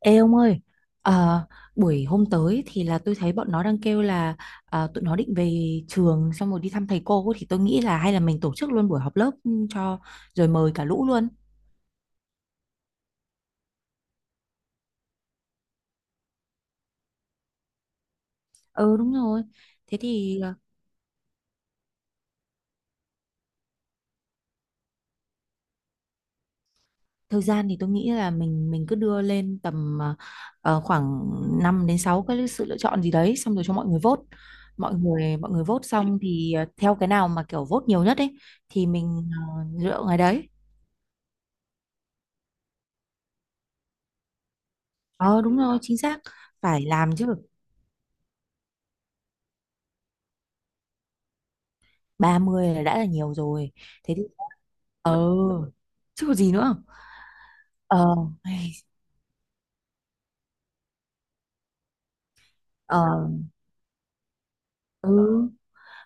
Ê ông ơi, ờ, buổi hôm tới thì là tôi thấy bọn nó đang kêu là tụi nó định về trường xong rồi đi thăm thầy cô thì tôi nghĩ là hay là mình tổ chức luôn buổi họp lớp cho rồi mời cả lũ luôn. Ừ, đúng rồi. Thế thì thời gian thì tôi nghĩ là mình cứ đưa lên tầm khoảng 5 đến 6 cái sự lựa chọn gì đấy xong rồi cho mọi người vote. Mọi người vote xong thì theo cái nào mà kiểu vote nhiều nhất ấy thì mình lựa ngày đấy. Ờ, đúng rồi, chính xác. Phải làm chứ. 30 là đã là nhiều rồi. Thế thì ờ chứ có gì nữa. ờ Ai, ờ ừ,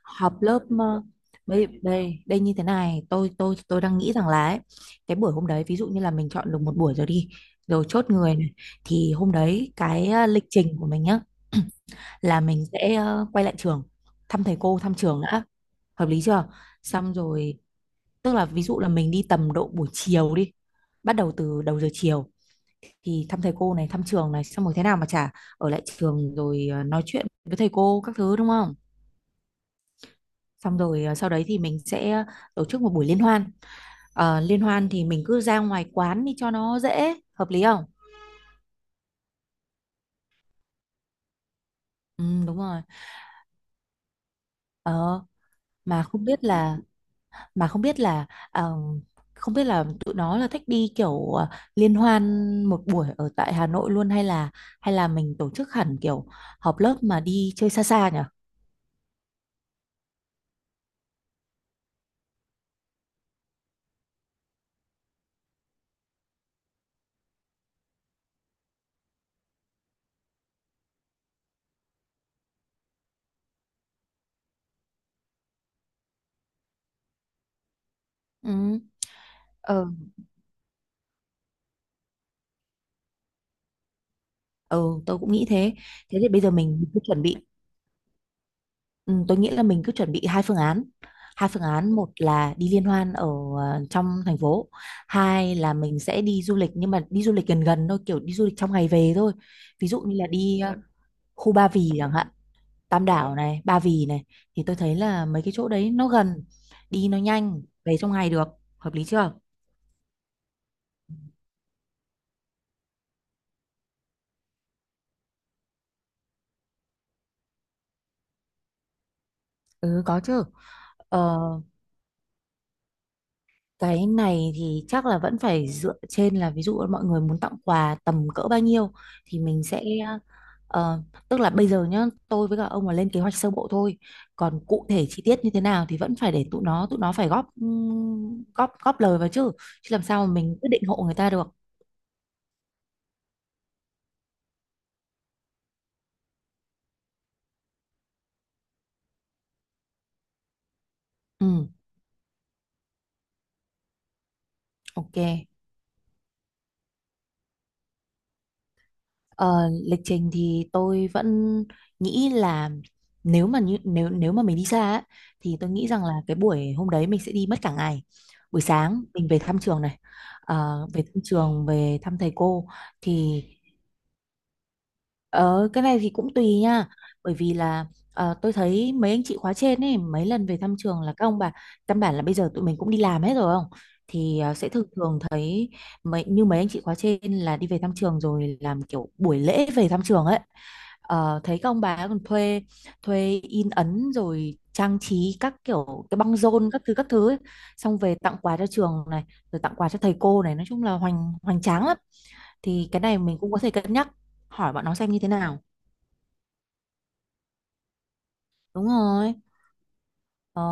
họp lớp. Ờ, Đây đây đây, như thế này tôi đang nghĩ rằng là ấy, cái buổi hôm đấy ví dụ như là mình chọn được một buổi rồi đi, rồi chốt người này, thì hôm đấy cái lịch trình của mình nhá là mình sẽ quay lại trường, thăm thầy cô, thăm trường đã, hợp lý chưa? Xong rồi tức là ví dụ là mình đi tầm độ buổi chiều đi, bắt đầu từ đầu giờ chiều thì thăm thầy cô này, thăm trường này, xong rồi thế nào mà chả ở lại trường rồi nói chuyện với thầy cô các thứ, đúng không? Xong rồi sau đấy thì mình sẽ tổ chức một buổi liên hoan. Liên hoan thì mình cứ ra ngoài quán đi cho nó dễ, hợp lý không? Ừ, đúng rồi. ờ, mà không biết là mà không biết là ờ, tụi nó là thích đi kiểu liên hoan một buổi ở tại Hà Nội luôn, hay là mình tổ chức hẳn kiểu họp lớp mà đi chơi xa xa nhỉ. Ừ. Ừ, tôi cũng nghĩ thế. Thế thì bây giờ mình cứ chuẩn bị, ừ, tôi nghĩ là mình cứ chuẩn bị hai phương án. Hai phương án, một là đi liên hoan ở trong thành phố, hai là mình sẽ đi du lịch nhưng mà đi du lịch gần gần thôi, kiểu đi du lịch trong ngày về thôi. Ví dụ như là đi khu Ba Vì chẳng hạn, Tam Đảo này, Ba Vì này, thì tôi thấy là mấy cái chỗ đấy nó gần, đi nó nhanh, về trong ngày được, hợp lý chưa? Ừ, có chứ. Ờ, Cái này thì chắc là vẫn phải dựa trên là ví dụ mọi người muốn tặng quà tầm cỡ bao nhiêu thì mình sẽ ờ, tức là bây giờ nhá, tôi với cả ông là lên kế hoạch sơ bộ thôi, còn cụ thể chi tiết như thế nào thì vẫn phải để tụi nó phải góp góp góp lời vào chứ, chứ làm sao mà mình quyết định hộ người ta được. Ừ, ok. Ờ, Lịch trình thì tôi vẫn nghĩ là nếu mà mình đi xa á, thì tôi nghĩ rằng là cái buổi hôm đấy mình sẽ đi mất cả ngày. Buổi sáng mình về thăm trường này, về thăm trường, về thăm thầy cô thì. Ờ, cái này thì cũng tùy nha, bởi vì là tôi thấy mấy anh chị khóa trên ấy mấy lần về thăm trường là các ông bà, căn bản là bây giờ tụi mình cũng đi làm hết rồi không, thì sẽ thường thường thấy mấy như mấy anh chị khóa trên là đi về thăm trường rồi làm kiểu buổi lễ về thăm trường ấy. Thấy các ông bà còn thuê, in ấn rồi trang trí các kiểu cái băng rôn các thứ ấy. Xong về tặng quà cho trường này, rồi tặng quà cho thầy cô này, nói chung là hoành hoành tráng lắm. Thì cái này mình cũng có thể cân nhắc hỏi bọn nó xem như thế nào. Đúng rồi. Ờ,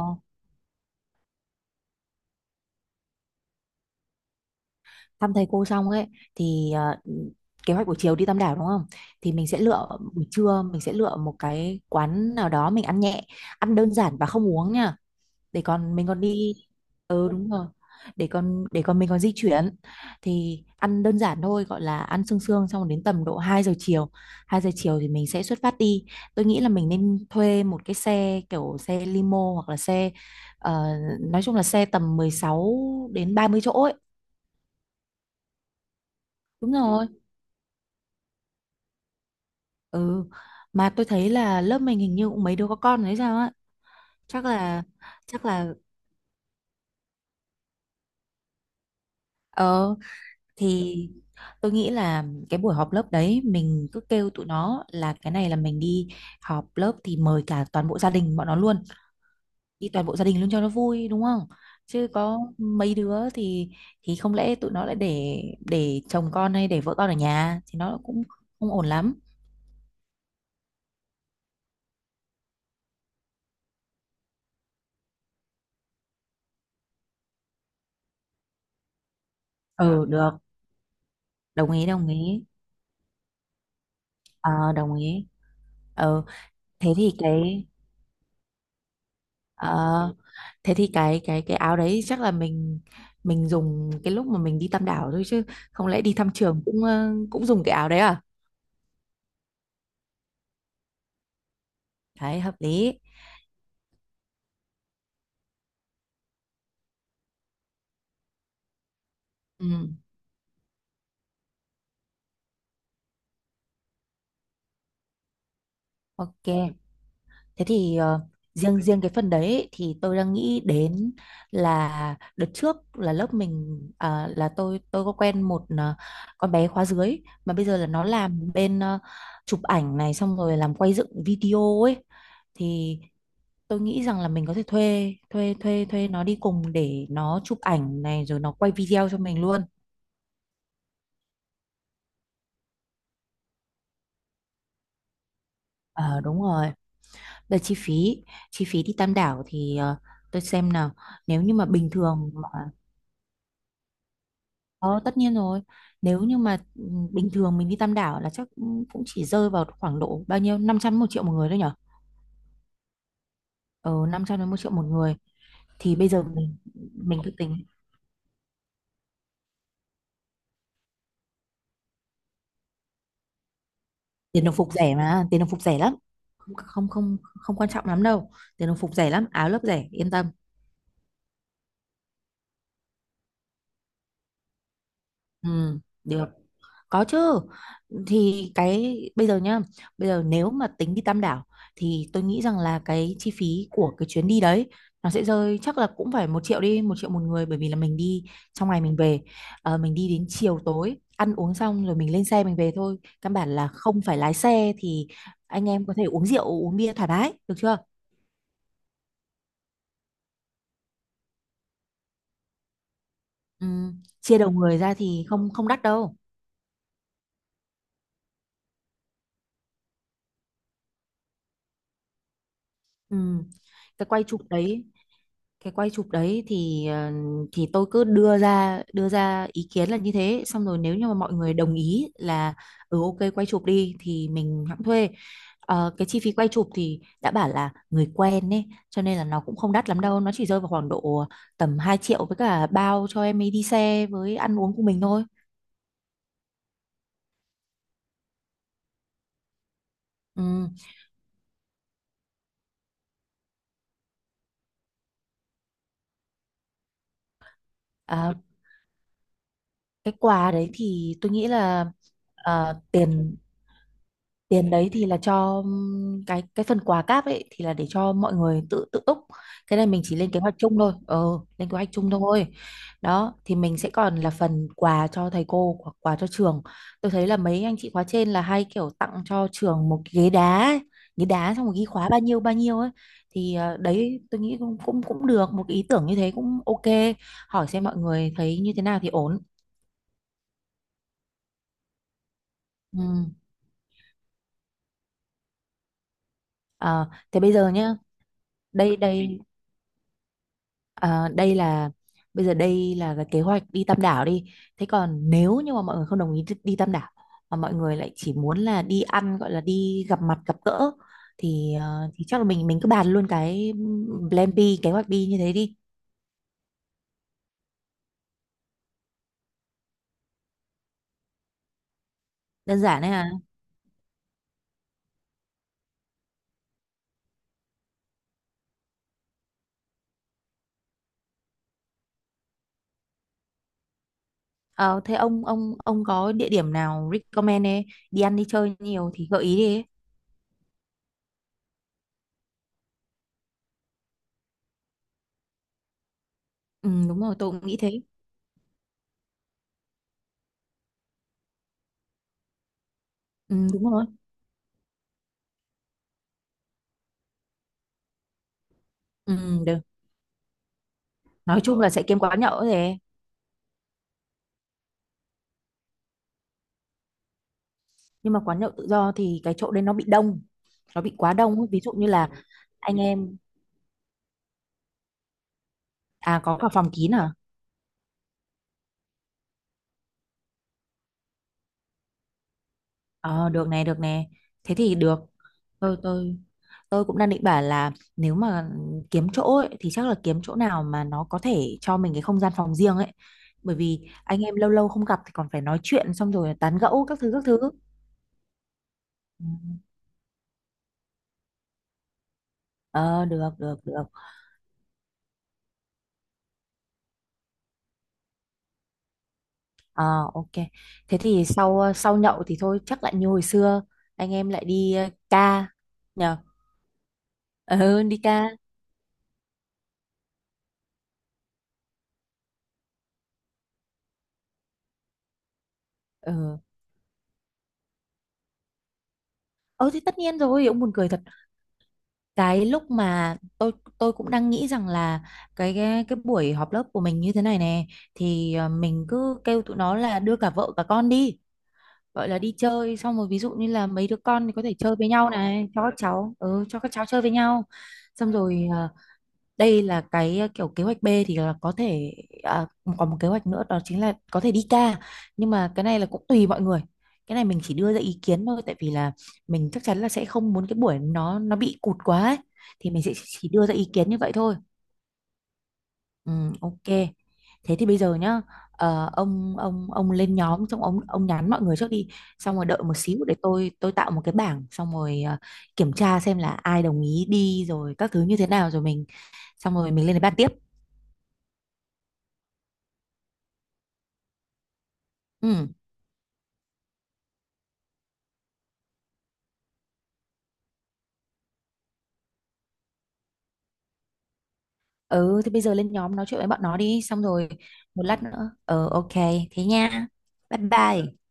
Thăm thầy cô xong ấy thì kế hoạch buổi chiều đi Tam Đảo đúng không? Thì mình sẽ lựa Buổi trưa mình sẽ lựa một cái quán nào đó mình ăn nhẹ, ăn đơn giản và không uống nha. Để còn mình còn đi. Ừ, đúng rồi. Để còn mình còn di chuyển thì ăn đơn giản thôi, gọi là ăn sương sương, xong đến tầm độ 2 giờ chiều. 2 giờ chiều thì mình sẽ xuất phát đi. Tôi nghĩ là mình nên thuê một cái xe kiểu xe limo hoặc là xe ờ, nói chung là xe tầm 16 đến 30 chỗ ấy. Đúng rồi. Ừ. Mà tôi thấy là lớp mình hình như cũng mấy đứa có con đấy sao á. Chắc là chắc là ờ thì tôi nghĩ là cái buổi họp lớp đấy mình cứ kêu tụi nó là cái này là mình đi họp lớp thì mời cả toàn bộ gia đình bọn nó luôn. Đi toàn bộ gia đình luôn cho nó vui đúng không? Chứ có mấy đứa thì không lẽ tụi nó lại để chồng con hay để vợ con ở nhà thì nó cũng không ổn lắm. Ừ, được, đồng ý đồng ý. Ờ, đồng ý. ờ thế thì cái ờ, Thế thì cái áo đấy chắc là mình dùng cái lúc mà mình đi Tam Đảo thôi, chứ không lẽ đi thăm trường cũng cũng dùng cái áo đấy à. Đấy hợp lý. Ừ, ok. Thế thì riêng riêng cái phần đấy ấy, thì tôi đang nghĩ đến là đợt trước là lớp mình, à, là tôi có quen một con bé khóa dưới mà bây giờ là nó làm bên chụp ảnh này xong rồi làm quay dựng video ấy, thì tôi nghĩ rằng là mình có thể thuê thuê thuê thuê nó đi cùng để nó chụp ảnh này rồi nó quay video cho mình luôn. Ờ, đúng rồi. Về chi phí đi Tam Đảo thì tôi xem nào, nếu như mà bình thường mà ờ, tất nhiên rồi, nếu như mà ừ, bình thường mình đi Tam Đảo là chắc cũng cũng chỉ rơi vào khoảng độ bao nhiêu 500 một triệu một người thôi nhở? Ờ Năm trăm đến một triệu một người, thì bây giờ mình cứ tính. Tiền đồng phục rẻ mà, tiền đồng phục rẻ lắm, không không không không quan trọng lắm đâu. Tiền đồng phục rẻ lắm, áo lớp rẻ, yên tâm. Ừ, được. Có chứ. Thì cái bây giờ nhá, bây giờ nếu mà tính đi Tam Đảo thì tôi nghĩ rằng là cái chi phí của cái chuyến đi đấy nó sẽ rơi chắc là cũng phải một triệu đi, một triệu một người, bởi vì là mình đi trong ngày mình về. Ờ, mình đi đến chiều tối ăn uống xong rồi mình lên xe mình về thôi. Căn bản là không phải lái xe thì anh em có thể uống rượu, uống bia thoải mái, được chưa? Ừ, chia đầu người ra thì không không đắt đâu. Ừ. Cái quay chụp đấy cái quay chụp đấy thì thì tôi cứ đưa ra ý kiến là như thế, xong rồi nếu như mà mọi người đồng ý là ừ ok quay chụp đi thì mình hãng thuê. Cái chi phí quay chụp thì đã bảo là người quen ấy, cho nên là nó cũng không đắt lắm đâu, nó chỉ rơi vào khoảng độ tầm 2 triệu với cả bao cho em ấy đi xe với ăn uống của mình thôi. Ừ. À, cái quà đấy thì tôi nghĩ là tiền tiền đấy thì là cho cái phần quà cáp ấy thì là để cho mọi người tự tự túc. Cái này mình chỉ lên kế hoạch chung thôi. Ờ Lên kế hoạch chung thôi. Đó thì mình sẽ còn là phần quà cho thầy cô hoặc quà cho trường. Tôi thấy là mấy anh chị khóa trên là hay kiểu tặng cho trường một cái ghế đá ấy. Ghế đá xong rồi ghi khóa bao nhiêu ấy, thì đấy tôi nghĩ cũng cũng cũng được, một cái ý tưởng như thế cũng ok. Hỏi xem mọi người thấy như thế nào thì ổn. Ừ. Ờ, thế bây giờ nhá. Đây đây. Ờ, đây là bây giờ đây là cái kế hoạch đi Tam Đảo đi. Thế còn nếu như mà mọi người không đồng ý đi, đi Tam Đảo mà mọi người lại chỉ muốn là đi ăn, gọi là đi gặp mặt gặp gỡ, thì thì chắc là mình cứ bàn luôn cái plan B, kế hoạch đi như thế đi. Đơn giản đấy à. Ờ, thế ông có địa điểm nào recommend ấy, đi ăn đi chơi nhiều thì gợi ý đi. Ấy. Ừ, đúng rồi, tôi cũng nghĩ thế. Ừ, đúng rồi. Ừ, được. Nói chung là sẽ kiếm quán nhậu rồi. Nhưng mà quán nhậu tự do thì cái chỗ đấy nó bị đông, nó bị quá đông ấy. Ví dụ như là anh em. À, có cả phòng kín à? Ờ, được nè, được nè, thế thì được. Tôi tôi tôi cũng đang định bảo là nếu mà kiếm chỗ ấy, thì chắc là kiếm chỗ nào mà nó có thể cho mình cái không gian phòng riêng ấy, bởi vì anh em lâu lâu không gặp thì còn phải nói chuyện xong rồi tán gẫu các thứ các thứ. Ừ. Ờ, được được được. Ờ, ok. Thế thì sau sau nhậu thì thôi chắc lại như hồi xưa, anh em lại đi ca nhỉ? Ờ, đi ca. ờ, ờ thì tất nhiên rồi, ông buồn cười thật. Cái lúc mà tôi cũng đang nghĩ rằng là cái buổi họp lớp của mình như thế này nè thì mình cứ kêu tụi nó là đưa cả vợ cả con đi, gọi là đi chơi, xong rồi ví dụ như là mấy đứa con thì có thể chơi với nhau này cho các cháu, ừ, cho các cháu chơi với nhau, xong rồi đây là cái kiểu kế hoạch B thì là có thể. À, còn một kế hoạch nữa đó chính là có thể đi ca, nhưng mà cái này là cũng tùy mọi người. Cái này mình chỉ đưa ra ý kiến thôi tại vì là mình chắc chắn là sẽ không muốn cái buổi nó bị cụt quá ấy. Thì mình sẽ chỉ đưa ra ý kiến như vậy thôi. Ừ, ok. Thế thì bây giờ nhá, ông lên nhóm xong ông nhắn mọi người trước đi, xong rồi đợi một xíu để tôi tạo một cái bảng, xong rồi kiểm tra xem là ai đồng ý đi rồi các thứ như thế nào rồi mình, xong rồi mình lên để bàn tiếp. Ừ. Ừ, thì bây giờ lên nhóm nói chuyện với bọn nó đi, xong rồi một lát nữa. Ừ, ok. Thế nha. Bye bye.